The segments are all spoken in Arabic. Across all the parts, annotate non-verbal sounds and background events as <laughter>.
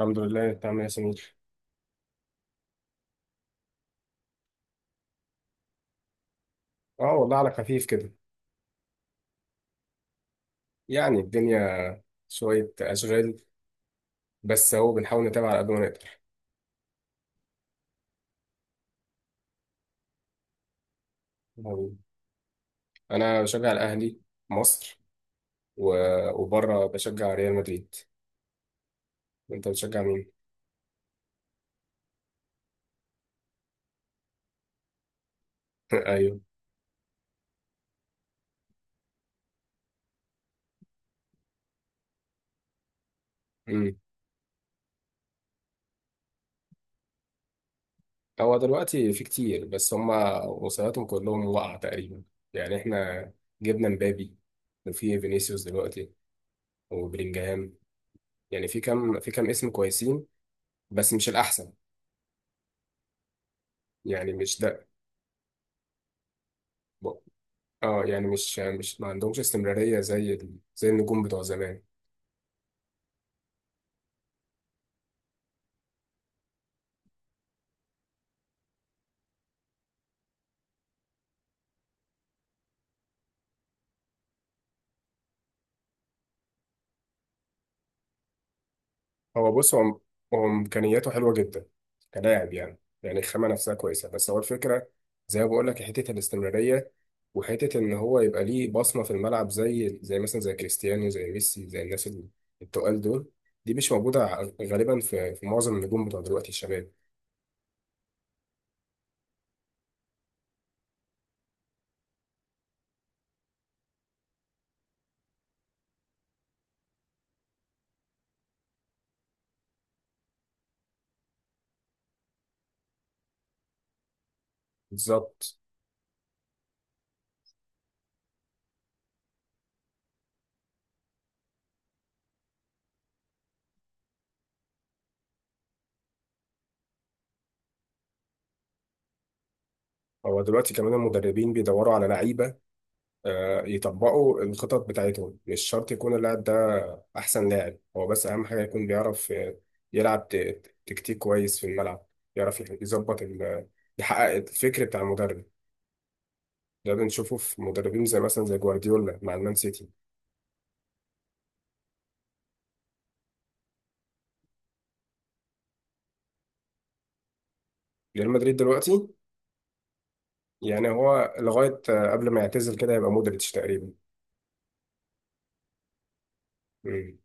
الحمد لله، انت عامل ايه يا سمير؟ اه والله، على خفيف كده. يعني الدنيا، شوية أشغال، بس هو بنحاول نتابع على قد ما نقدر. يعني أنا بشجع الأهلي، مصر، و... وبره بشجع ريال مدريد. أنت بتشجع مين؟ <laughs> أيوه. امم هو دلوقتي في كتير، بس هما وصياتهم كلهم وقع تقريبا. يعني إحنا جبنا مبابي، وفي فينيسيوس دلوقتي، وبلينجهام. يعني في كام، في كام اسم كويسين، بس مش الأحسن. يعني مش ده. اه، يعني مش ما عندهمش استمرارية زي زي النجوم بتوع زمان. هو بص، هو إمكانياته حلوة جدا كلاعب، يعني يعني الخامة نفسها كويسة، بس هو الفكرة، زي ما بقول لك، حتة الاستمرارية، وحتة إن هو يبقى ليه بصمة في الملعب، زي زي مثلا زي كريستيانو، زي ميسي، زي الناس التقال دول. دي مش موجودة غالبا في في معظم النجوم بتوع دلوقتي الشباب. بالظبط. هو دلوقتي كمان المدربين بيدوروا على لعيبة يطبقوا الخطط بتاعتهم، مش شرط يكون اللاعب ده أحسن لاعب، هو بس أهم حاجة يكون بيعرف يلعب تكتيك كويس في الملعب، يعرف يظبط يحقق الفكر بتاع المدرب. ده بنشوفه في مدربين زي مثلا زي جوارديولا مع المان سيتي. ريال مدريد دلوقتي، يعني هو لغاية قبل ما يعتزل كده، يبقى مودريتش تقريبا. مم.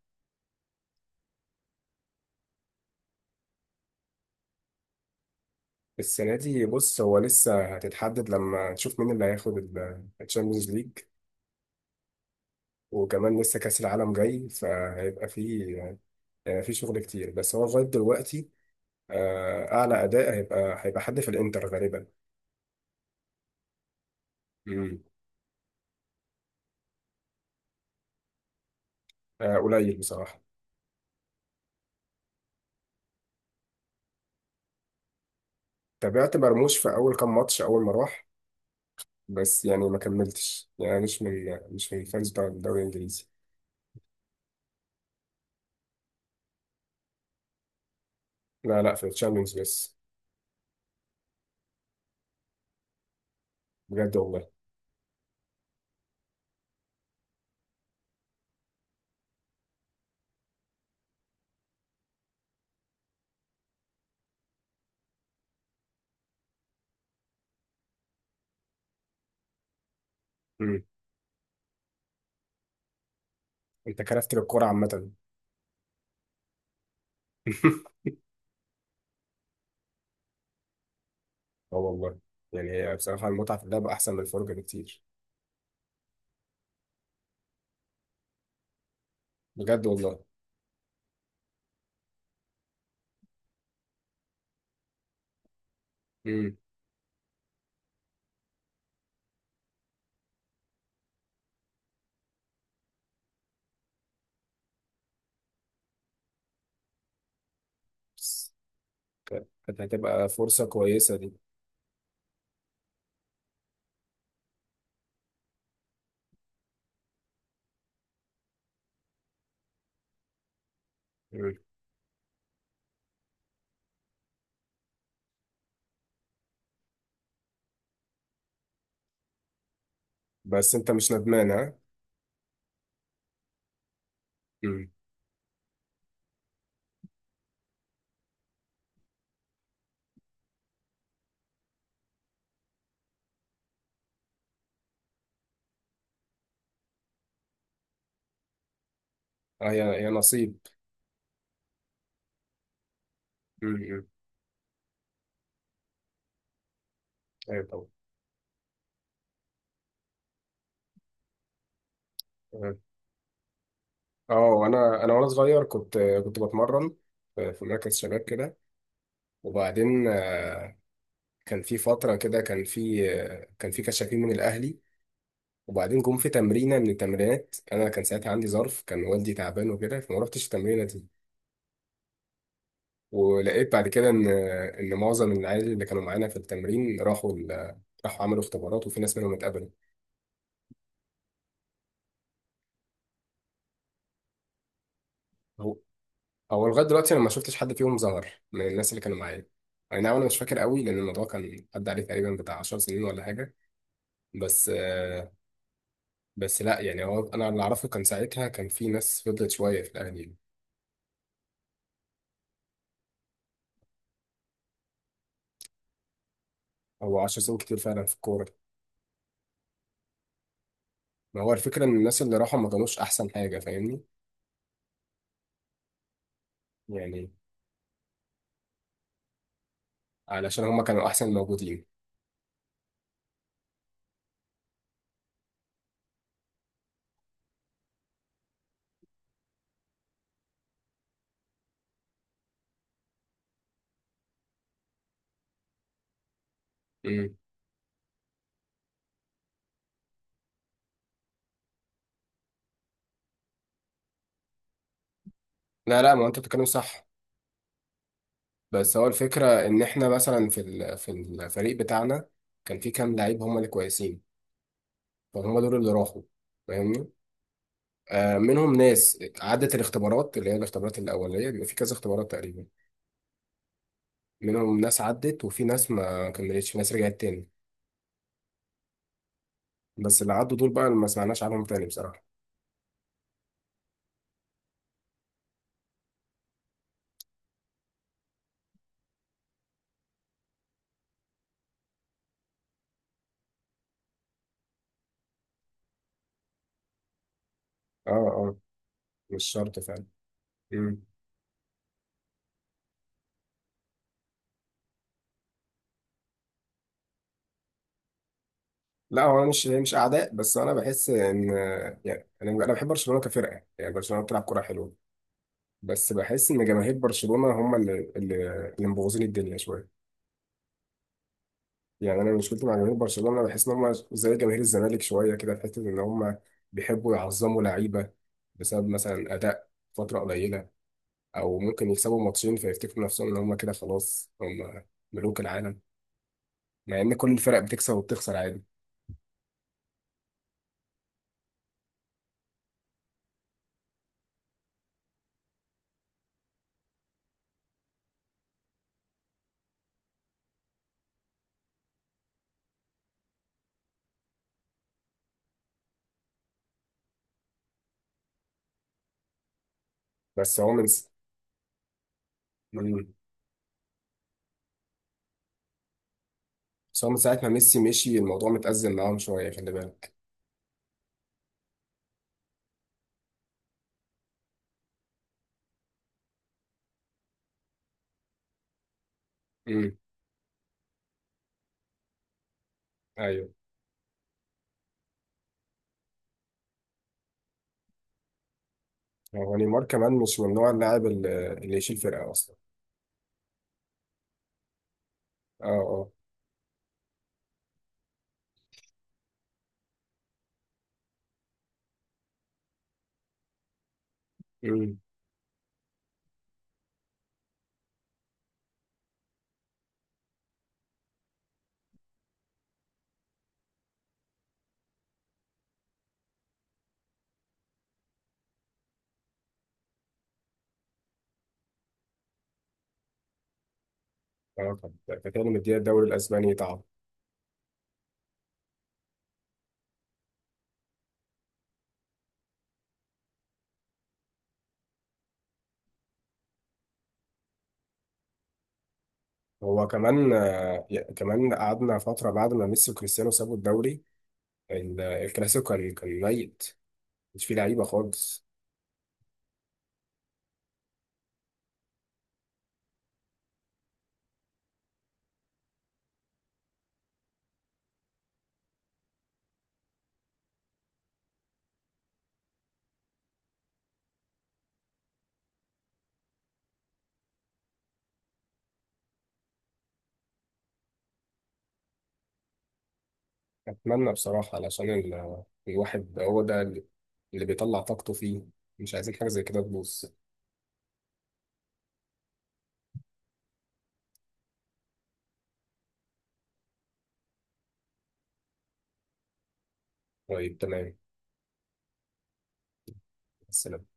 السنة دي بص، هو لسه هتتحدد لما نشوف مين اللي هياخد الشامبيونز ليج، وكمان لسه كأس العالم جاي، فهيبقى فيه في شغل كتير. بس هو لغاية دلوقتي، أعلى أداء هيبقى حد في الإنتر غالبا. مم. قليل بصراحة. تابعت مرموش في أول كام ماتش أول ما راح، بس يعني ما كملتش. يعني مش من الفانز بتاع الدوري الإنجليزي. لا لا، في الشامبيونز بس. بجد والله. مم. أنت كرفت للكورة عامة؟ <laughs> اه والله، يعني هي بصراحة المتعة في اللعب أحسن من الفرجة بكتير. بجد والله. مم. بس كانت هتبقى فرصة كويسة دي. مم. بس أنت مش ندمان ها؟ اه، يا يا نصيب. مم. ايوه طبعا. تمام. اه، انا وانا صغير كنت، كنت بتمرن في في مركز شباب كده، وبعدين كان في فتره كده، كان في كان في كشافين من الاهلي، وبعدين جم في تمرينه من التمرينات، انا كان ساعتها عندي ظرف، كان والدي تعبان وكده، فما رحتش التمرينه دي. ولقيت بعد كده ان ان معظم العيال اللي كانوا معانا في التمرين راحوا راحوا عملوا اختبارات، وفي ناس منهم اتقبلوا. هو لغايه دلوقتي انا ما شفتش حد فيهم ظهر من الناس اللي كانوا معايا. اي نعم، انا مش فاكر قوي لان الموضوع كان عدى عليه تقريبا بتاع 10 سنين ولا حاجه. بس بس لا يعني، هو انا اللي اعرفه كان ساعتها كان في ناس فضلت شويه في الاهلي. هو 10 سنين كتير فعلا في الكوره. ما هو الفكره ان الناس اللي راحوا ما كانوش احسن حاجه، فاهمني؟ يعني علشان هم كانوا احسن الموجودين. مم. لا لا، ما انت بتتكلم صح. بس هو الفكره ان احنا مثلا في في الفريق بتاعنا كان في كام لعيب هم اللي كويسين، فهم دول اللي راحوا، فاهمني؟ منهم ناس عدت الاختبارات، اللي هي الاختبارات الأولية، بيبقى في كذا اختبارات تقريبا. منهم ناس عدت، وفي ناس ما كملتش، في ناس رجعت تاني. بس اللي عدوا دول بقى اللي ما سمعناش عنهم تاني بصراحة. اه اه. مش شرط فعلا. مم. لا، هو انا مش اعداء، بس انا بحس ان، يعني انا بحب برشلونة كفرقة، يعني برشلونة بتلعب كرة حلوة، بس بحس ان جماهير برشلونة هم اللي مبوظين الدنيا شوية. يعني انا مشكلتي مع جماهير برشلونه، بحس ان هم زي جماهير الزمالك شويه كده، في حته ان هم بيحبوا يعظموا لعيبه بسبب مثلا اداء فتره قليله، او ممكن يكسبوا ماتشين فيفتكروا نفسهم ان هم كده خلاص هم ملوك العالم، مع ان كل الفرق بتكسب وبتخسر عادي. بس هو من س... مم. بس هو من ساعه ما ميسي مشي، الموضوع متأزم معاهم شويه، خلي بالك. امم. ايوه. هو نيمار كمان مش من نوع اللاعب اللي يشيل فرقه اصلا. اه اه. امم. اه، كان، كان تاني مديها الدوري الاسباني. هو كمان كمان قعدنا فترة بعد ما ميسي وكريستيانو سابوا الدوري، الكلاسيكو كان، كان ميت، مش فيه لعيبة خالص. أتمنى بصراحة علشان الواحد هو ده اللي، اللي بيطلع طاقته فيه، مش عايزين حاجة زي كده تبوظ. طيب تمام. بس